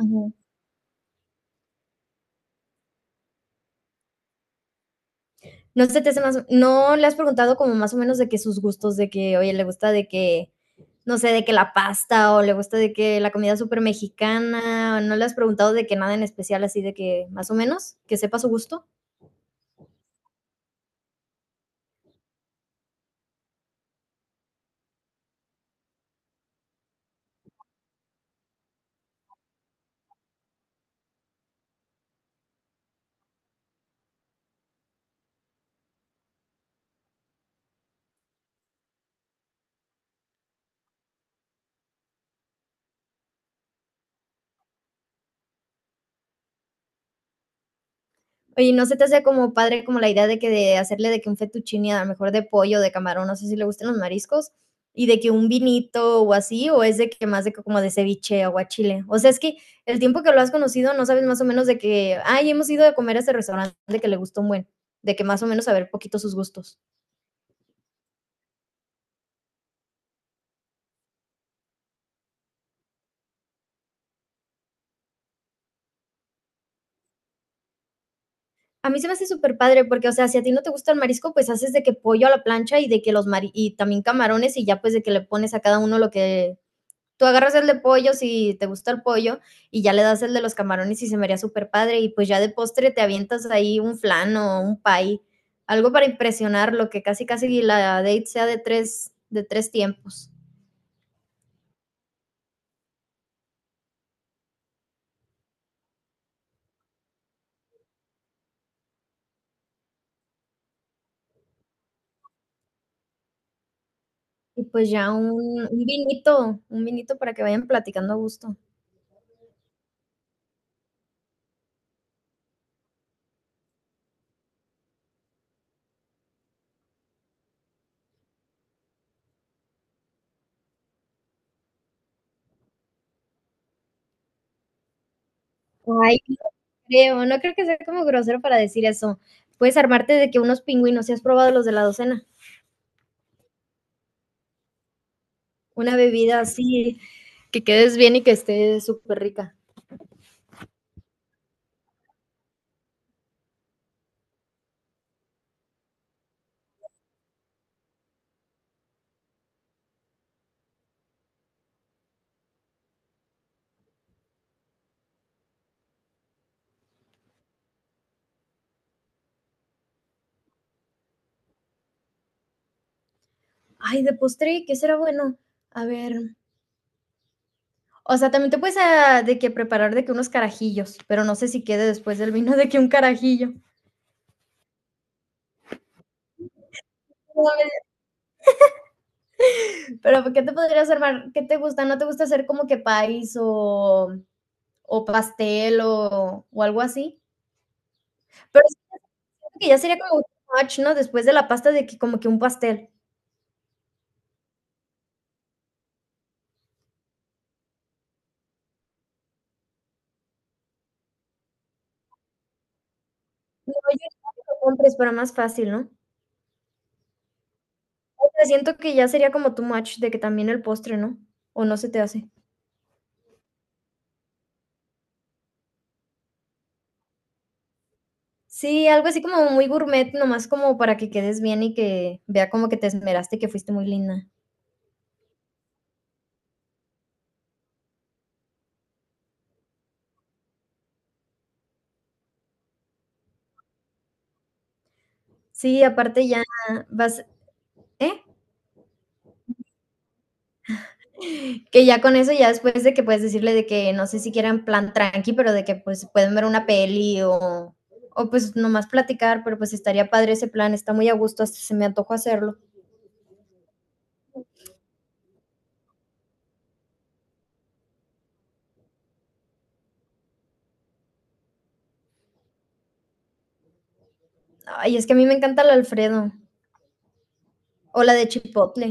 Ujú. ¿No se te hace más no le has preguntado como más o menos de que sus gustos, de que, oye, le gusta de que, no sé, de que la pasta o le gusta de que la comida supermexicana, ¿no le has preguntado de que nada en especial así de que más o menos, que sepa su gusto? Su capital es São Luís. Oye, ¿no se te hace como padre como la idea de que de hacerle de que un fettuccine a lo mejor de pollo, de camarón, no sé si le gustan los mariscos, y de que un vinito o así, o es de que más de que como de ceviche, aguachile? O sea, es que el tiempo que lo has conocido no sabes más o menos de que, ay, hemos ido a comer a este restaurante que le gustó un buen, de que más o menos saber poquito sus gustos. A mí se me hace súper padre porque, o sea, si a ti no te gusta el marisco, pues haces de que pollo a la plancha y de que los mari y también camarones y ya pues de que le pones a cada uno lo que tú agarras el de pollo si te gusta el pollo y ya le das el de los camarones y se me haría súper padre y pues ya de postre te avientas ahí un flan o un pie, algo para impresionar lo que casi casi la date sea de tres tiempos. Y pues ya un vinito, un vinito para que vayan platicando a gusto. Ay, creo, no creo que sea como grosero para decir eso. Puedes armarte de que unos pingüinos, si has probado los de la docena, una bebida así, que quedes bien y que esté súper rica. Ay, de postre, ¿qué será bueno? A ver. O sea, también te puedes de que preparar de que unos carajillos, pero no sé si quede después del vino de que un carajillo. Pero ¿qué te podrías armar? ¿Qué te gusta? ¿No te gusta hacer como que país o pastel o algo así? Pero siento que ya sería como un match, ¿no? Después de la pasta de que como que un pastel. No, yo que lo compres para más fácil, ¿no? O sea, siento que ya sería como too much de que también el postre, ¿no? ¿O no se te hace? Sí, algo así como muy gourmet, nomás como para que quedes bien y que vea como que te esmeraste, que fuiste muy linda. Sí, aparte ya vas ¿eh? Que ya con eso, ya después de que puedes decirle de que no sé si quieran plan tranqui, pero de que, pues, pueden ver una peli o pues, nomás platicar, pero, pues, estaría padre ese plan, está muy a gusto, hasta se me antojó hacerlo. Ay, es que a mí me encanta el Alfredo o la de chipotle.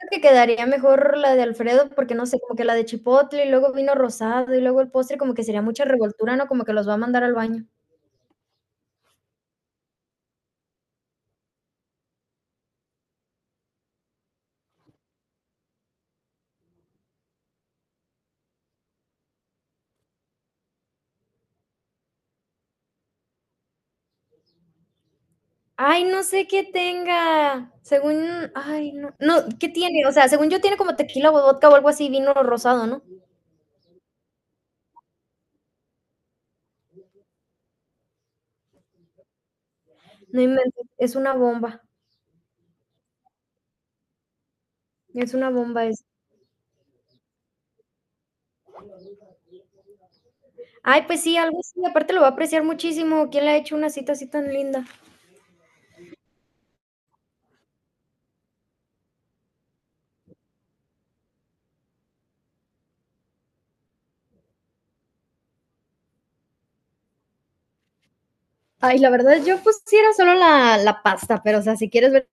Creo que quedaría mejor la de Alfredo, porque no sé, como que la de chipotle y luego vino rosado y luego el postre, como que sería mucha revoltura, ¿no? Como que los va a mandar al baño. Ay, no sé qué tenga. Según, ay, no, no, ¿qué tiene? O sea, según yo tiene como tequila o vodka o algo así, vino rosado, ¿no? No inventes, es una bomba eso. Ay, pues sí, algo así, aparte lo va a apreciar muchísimo. ¿Quién le ha hecho una cita así tan linda? Ay, la verdad, yo pusiera solo la pasta, pero o sea, si quieres ver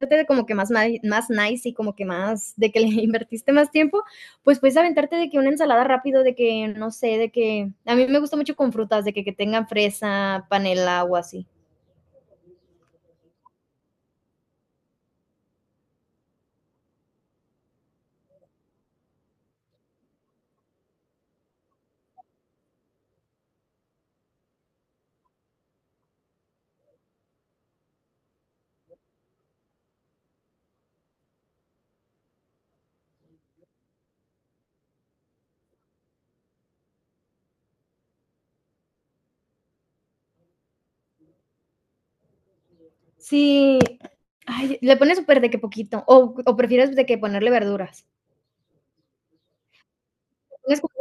de como que más, más nice y como que más de que le invertiste más tiempo, pues puedes aventarte de que una ensalada rápido, de que no sé, de que a mí me gusta mucho con frutas, de que tengan fresa, panela o así. Sí, ay, le pones súper de que poquito, o prefieres de que ponerle verduras. ¿Pones como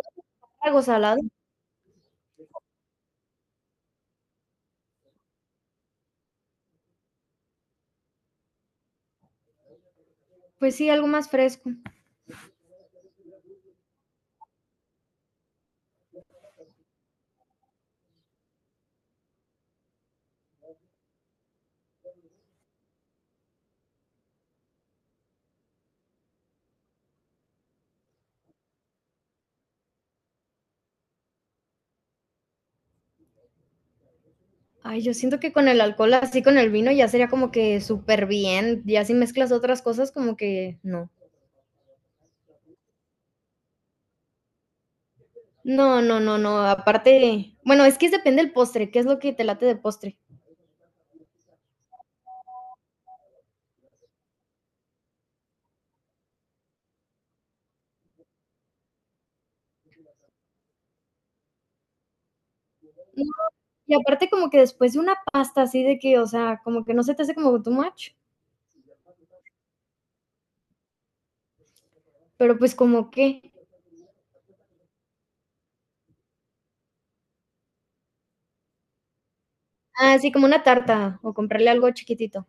algo salado? Pues sí, algo más fresco. Ay, yo siento que con el alcohol, así con el vino, ya sería como que súper bien, ya si mezclas otras cosas, como que no. No, no, no, no, aparte, bueno, es que es depende del postre, qué es lo que te late de postre. No, y aparte como que después de una pasta así de que, o sea, como que no se te hace como too much, pero pues como que, ah, sí, como una tarta o comprarle algo chiquitito.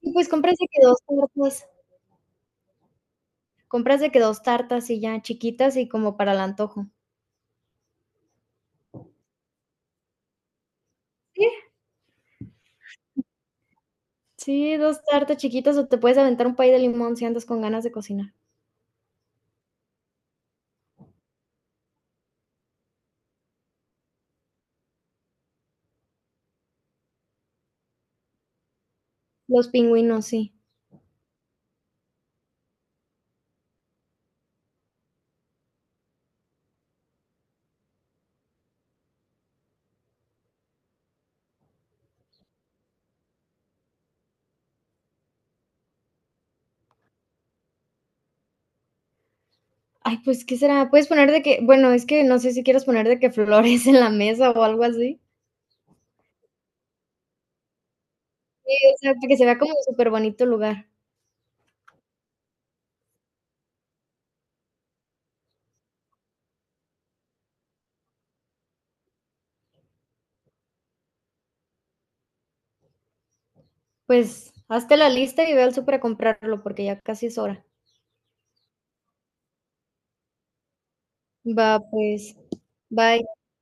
Y pues compras de que dos tartas, compras de que dos tartas y ya chiquitas y como para el antojo. Sí, sí, dos tartas chiquitas o te puedes aventar un pay de limón si andas con ganas de cocinar. Los pingüinos, sí. Ay, pues, ¿qué será? Puedes poner de que bueno, es que no sé si quieres poner de que flores en la mesa o algo así. Sí, o sea, que se vea como súper bonito el lugar. Pues, hazte la lista y ve al súper a comprarlo, porque ya casi es hora. Va, pues. Bye.